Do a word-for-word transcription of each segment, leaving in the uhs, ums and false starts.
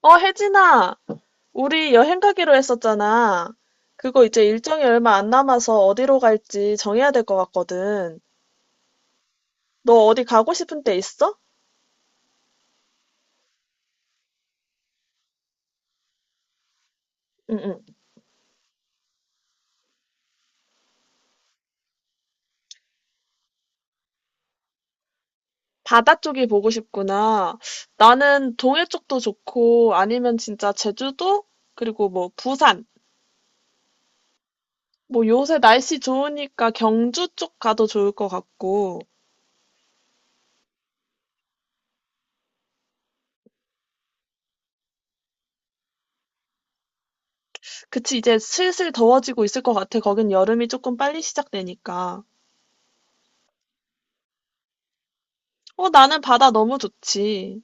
어, 혜진아, 우리 여행 가기로 했었잖아. 그거 이제 일정이 얼마 안 남아서 어디로 갈지 정해야 될 것 같거든. 너 어디 가고 싶은 데 있어? 응응. 바다 쪽이 보고 싶구나. 나는 동해 쪽도 좋고, 아니면 진짜 제주도? 그리고 뭐 부산. 뭐 요새 날씨 좋으니까 경주 쪽 가도 좋을 것 같고. 그치, 이제 슬슬 더워지고 있을 것 같아. 거긴 여름이 조금 빨리 시작되니까. 어, 나는 바다 너무 좋지.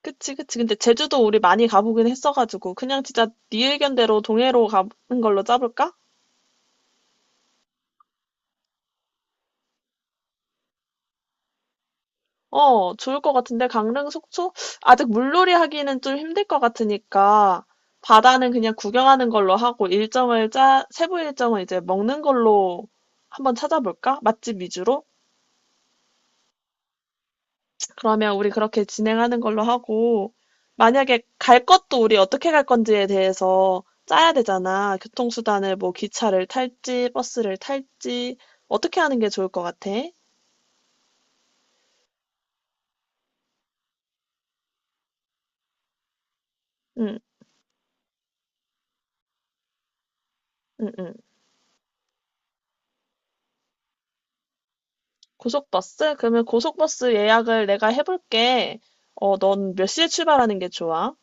그치, 그치. 근데 제주도 우리 많이 가보긴 했어가지고, 그냥 진짜 네 의견대로 동해로 가는 걸로 짜볼까? 어, 좋을 것 같은데, 강릉, 속초? 아직 물놀이 하기는 좀 힘들 것 같으니까, 바다는 그냥 구경하는 걸로 하고, 일정을 짜, 세부 일정은 이제 먹는 걸로 한번 찾아볼까? 맛집 위주로? 그러면 우리 그렇게 진행하는 걸로 하고, 만약에 갈 것도 우리 어떻게 갈 건지에 대해서 짜야 되잖아. 교통수단을 뭐 기차를 탈지, 버스를 탈지, 어떻게 하는 게 좋을 것 같아? 응, 응, 응. 고속버스? 그러면 고속버스 예약을 내가 해볼게. 어, 넌 몇 시에 출발하는 게 좋아?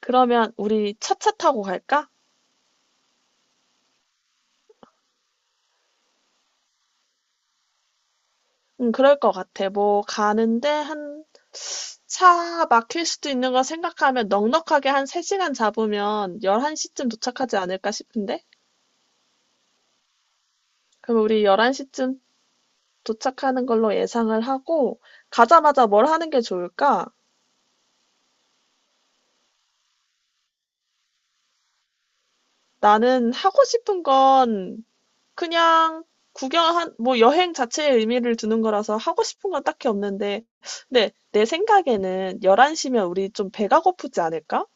그러면 우리 차차 타고 갈까? 응, 그럴 것 같아. 뭐 가는데 한 차 막힐 수도 있는 걸 생각하면 넉넉하게 한 세 시간 잡으면 열한 시쯤 도착하지 않을까 싶은데? 그럼 우리 열한 시쯤 도착하는 걸로 예상을 하고, 가자마자 뭘 하는 게 좋을까? 나는 하고 싶은 건 그냥 구경한, 뭐 여행 자체에 의미를 두는 거라서 하고 싶은 건 딱히 없는데, 근데 내 생각에는 열한 시면 우리 좀 배가 고프지 않을까?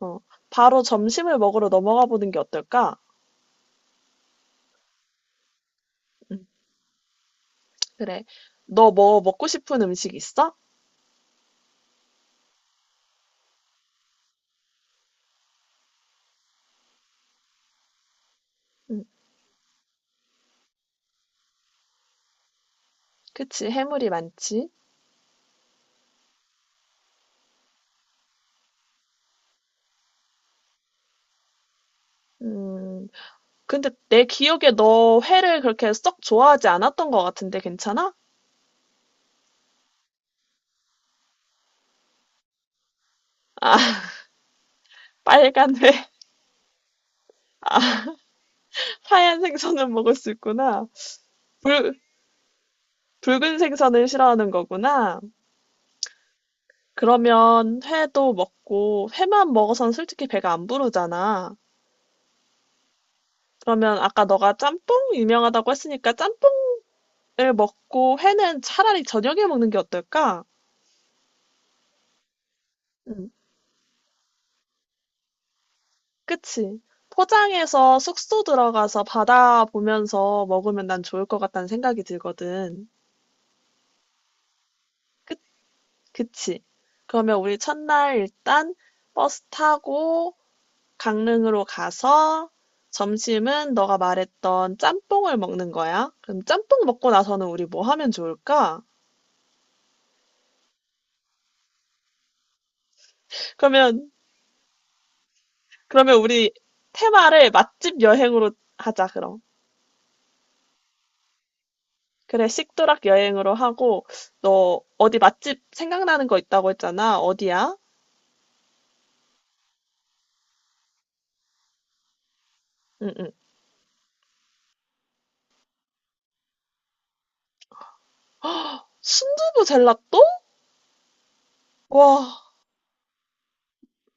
어, 바로 점심을 먹으러 넘어가 보는 게 어떨까? 음. 그래. 너 뭐 먹고 싶은 음식 있어? 음, 그치. 해물이 많지. 음, 근데 내 기억에 너 회를 그렇게 썩 좋아하지 않았던 것 같은데 괜찮아? 아, 빨간 회, 하얀 생선은 먹을 수 있구나. 붉, 붉은 생선을 싫어하는 거구나. 그러면 회도 먹고, 회만 먹어서는 솔직히 배가 안 부르잖아. 그러면 아까 너가 짬뽕 유명하다고 했으니까 짬뽕을 먹고 회는 차라리 저녁에 먹는 게 어떨까? 응. 그치? 포장해서 숙소 들어가서 바다 보면서 먹으면 난 좋을 것 같다는 생각이 들거든. 그, 그치? 그러면 우리 첫날 일단 버스 타고 강릉으로 가서 점심은 너가 말했던 짬뽕을 먹는 거야. 그럼 짬뽕 먹고 나서는 우리 뭐 하면 좋을까? 그러면, 그러면 우리 테마를 맛집 여행으로 하자, 그럼. 그래, 식도락 여행으로 하고, 너 어디 맛집 생각나는 거 있다고 했잖아. 어디야? 응응. 순두부 젤라또? 와,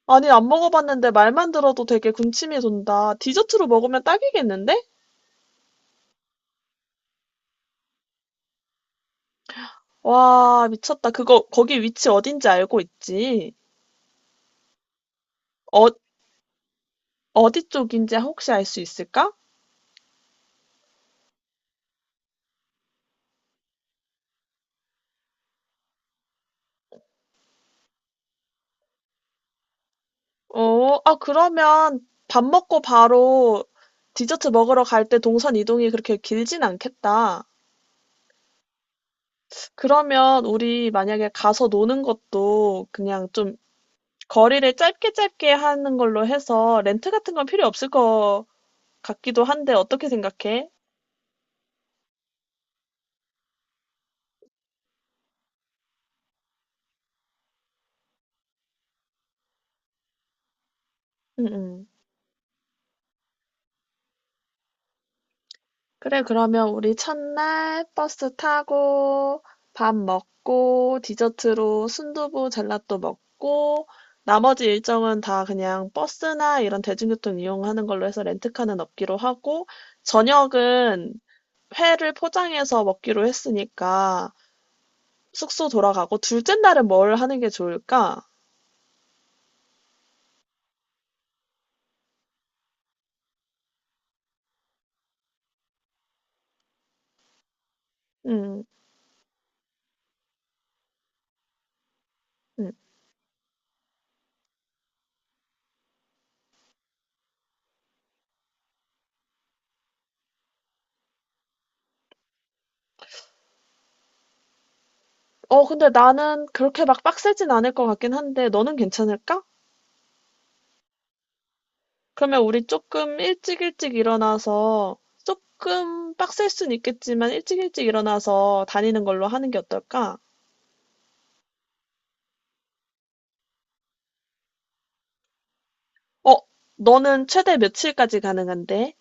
아니 안 먹어봤는데 말만 들어도 되게 군침이 돈다. 디저트로 먹으면 딱이겠는데? 와, 미쳤다. 그거 거기 위치 어딘지 알고 있지? 어, 어디 쪽인지 혹시 알 수 있을까? 어, 아 그러면 밥 먹고 바로 디저트 먹으러 갈 때 동선 이동이 그렇게 길진 않겠다. 그러면 우리 만약에 가서 노는 것도 그냥 좀 거리를 짧게 짧게 하는 걸로 해서 렌트 같은 건 필요 없을 것 같기도 한데 어떻게 생각해? 응, 응. 그래, 그러면 우리 첫날 버스 타고 밥 먹고 디저트로 순두부 젤라또 먹고 나머지 일정은 다 그냥 버스나 이런 대중교통 이용하는 걸로 해서 렌트카는 없기로 하고 저녁은 회를 포장해서 먹기로 했으니까 숙소 돌아가고 둘째 날은 뭘 하는 게 좋을까? 음, 음. 어, 근데 나는 그렇게 막 빡세진 않을 것 같긴 한데 너는 괜찮을까? 그러면 우리 조금 일찍 일찍 일어나서 조금 빡셀 순 있겠지만 일찍 일찍 일어나서 다니는 걸로 하는 게 어떨까? 어, 너는 최대 며칠까지 가능한데?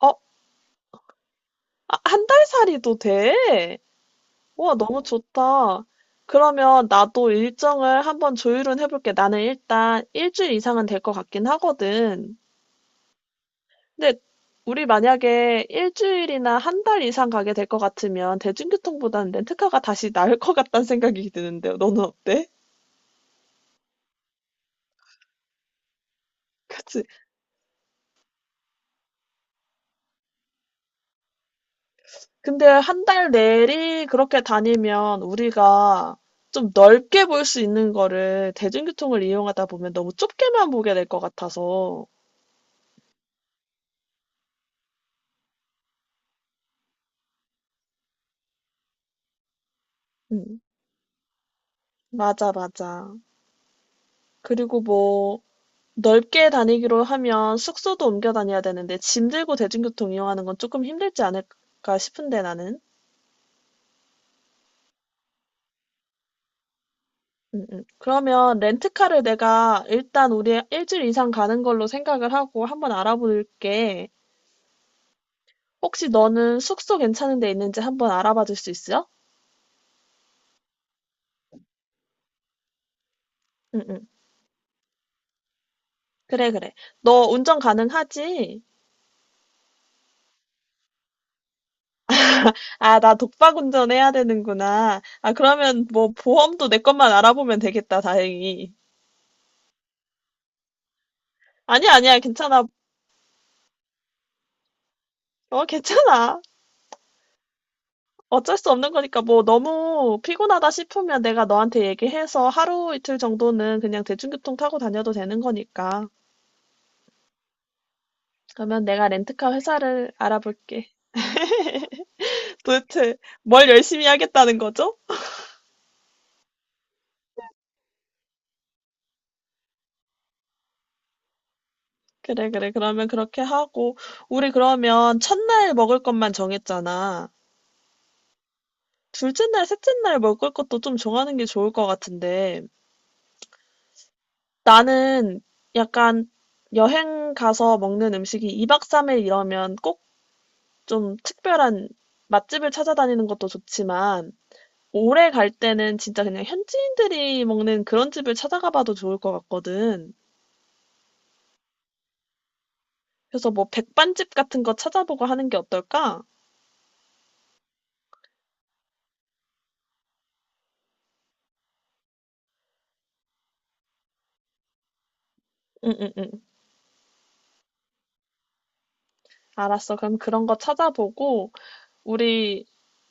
어, 아, 한 달 살이도 돼? 와 너무 좋다. 그러면 나도 일정을 한번 조율은 해볼게. 나는 일단 일주일 이상은 될 것 같긴 하거든. 근데 우리 만약에 일주일이나 한 달 이상 가게 될 것 같으면 대중교통보다는 렌트카가 다시 나을 것 같다는 생각이 드는데요. 너는 어때? 그치? 근데 한 달 내리 그렇게 다니면 우리가 좀 넓게 볼 수 있는 거를 대중교통을 이용하다 보면 너무 좁게만 보게 될 것 같아서. 음, 맞아, 맞아. 그리고 뭐, 넓게 다니기로 하면 숙소도 옮겨 다녀야 되는데 짐 들고 대중교통 이용하는 건 조금 힘들지 않을까 싶은데 나는. 음, 음. 그러면 렌트카를 내가 일단 우리 일주일 이상 가는 걸로 생각을 하고 한번 알아볼게. 혹시 너는 숙소 괜찮은 데 있는지 한번 알아봐 줄 수 있어? 응, 응. 그래, 그래. 너 운전 가능하지? 아, 나 독박 운전해야 되는구나. 아, 그러면 뭐 보험도 내 것만 알아보면 되겠다, 다행히. 아니야, 아니야, 괜찮아. 어, 괜찮아. 어쩔 수 없는 거니까 뭐 너무 피곤하다 싶으면 내가 너한테 얘기해서 하루 이틀 정도는 그냥 대중교통 타고 다녀도 되는 거니까. 그러면 내가 렌트카 회사를 알아볼게. 도대체 뭘 열심히 하겠다는 거죠? 그래, 그래. 그러면 그렇게 하고, 우리 그러면 첫날 먹을 것만 정했잖아. 둘째 날, 셋째 날 먹을 것도 좀 정하는 게 좋을 것 같은데, 나는 약간 여행 가서 먹는 음식이 이 박 삼 일 이러면 꼭 좀 특별한 맛집을 찾아다니는 것도 좋지만, 오래 갈 때는 진짜 그냥 현지인들이 먹는 그런 집을 찾아가 봐도 좋을 것 같거든. 그래서 뭐 백반집 같은 거 찾아보고 하는 게 어떨까? 응, 응, 응. 알았어. 그럼 그런 거 찾아보고 우리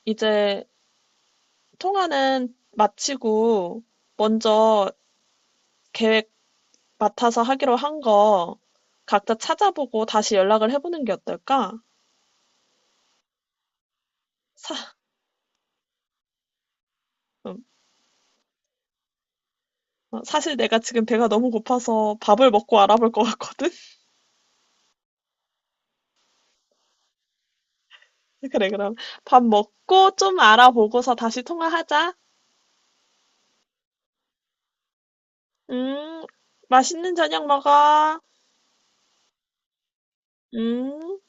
이제 통화는 마치고 먼저 계획 맡아서 하기로 한 거 각자 찾아보고 다시 연락을 해보는 게 어떨까? 사, 음, 어, 사실 내가 지금 배가 너무 고파서 밥을 먹고 알아볼 것 같거든? 그래, 그럼 밥 먹고 좀 알아보고서 다시 통화하자. 음, 맛있는 저녁 먹어. 음.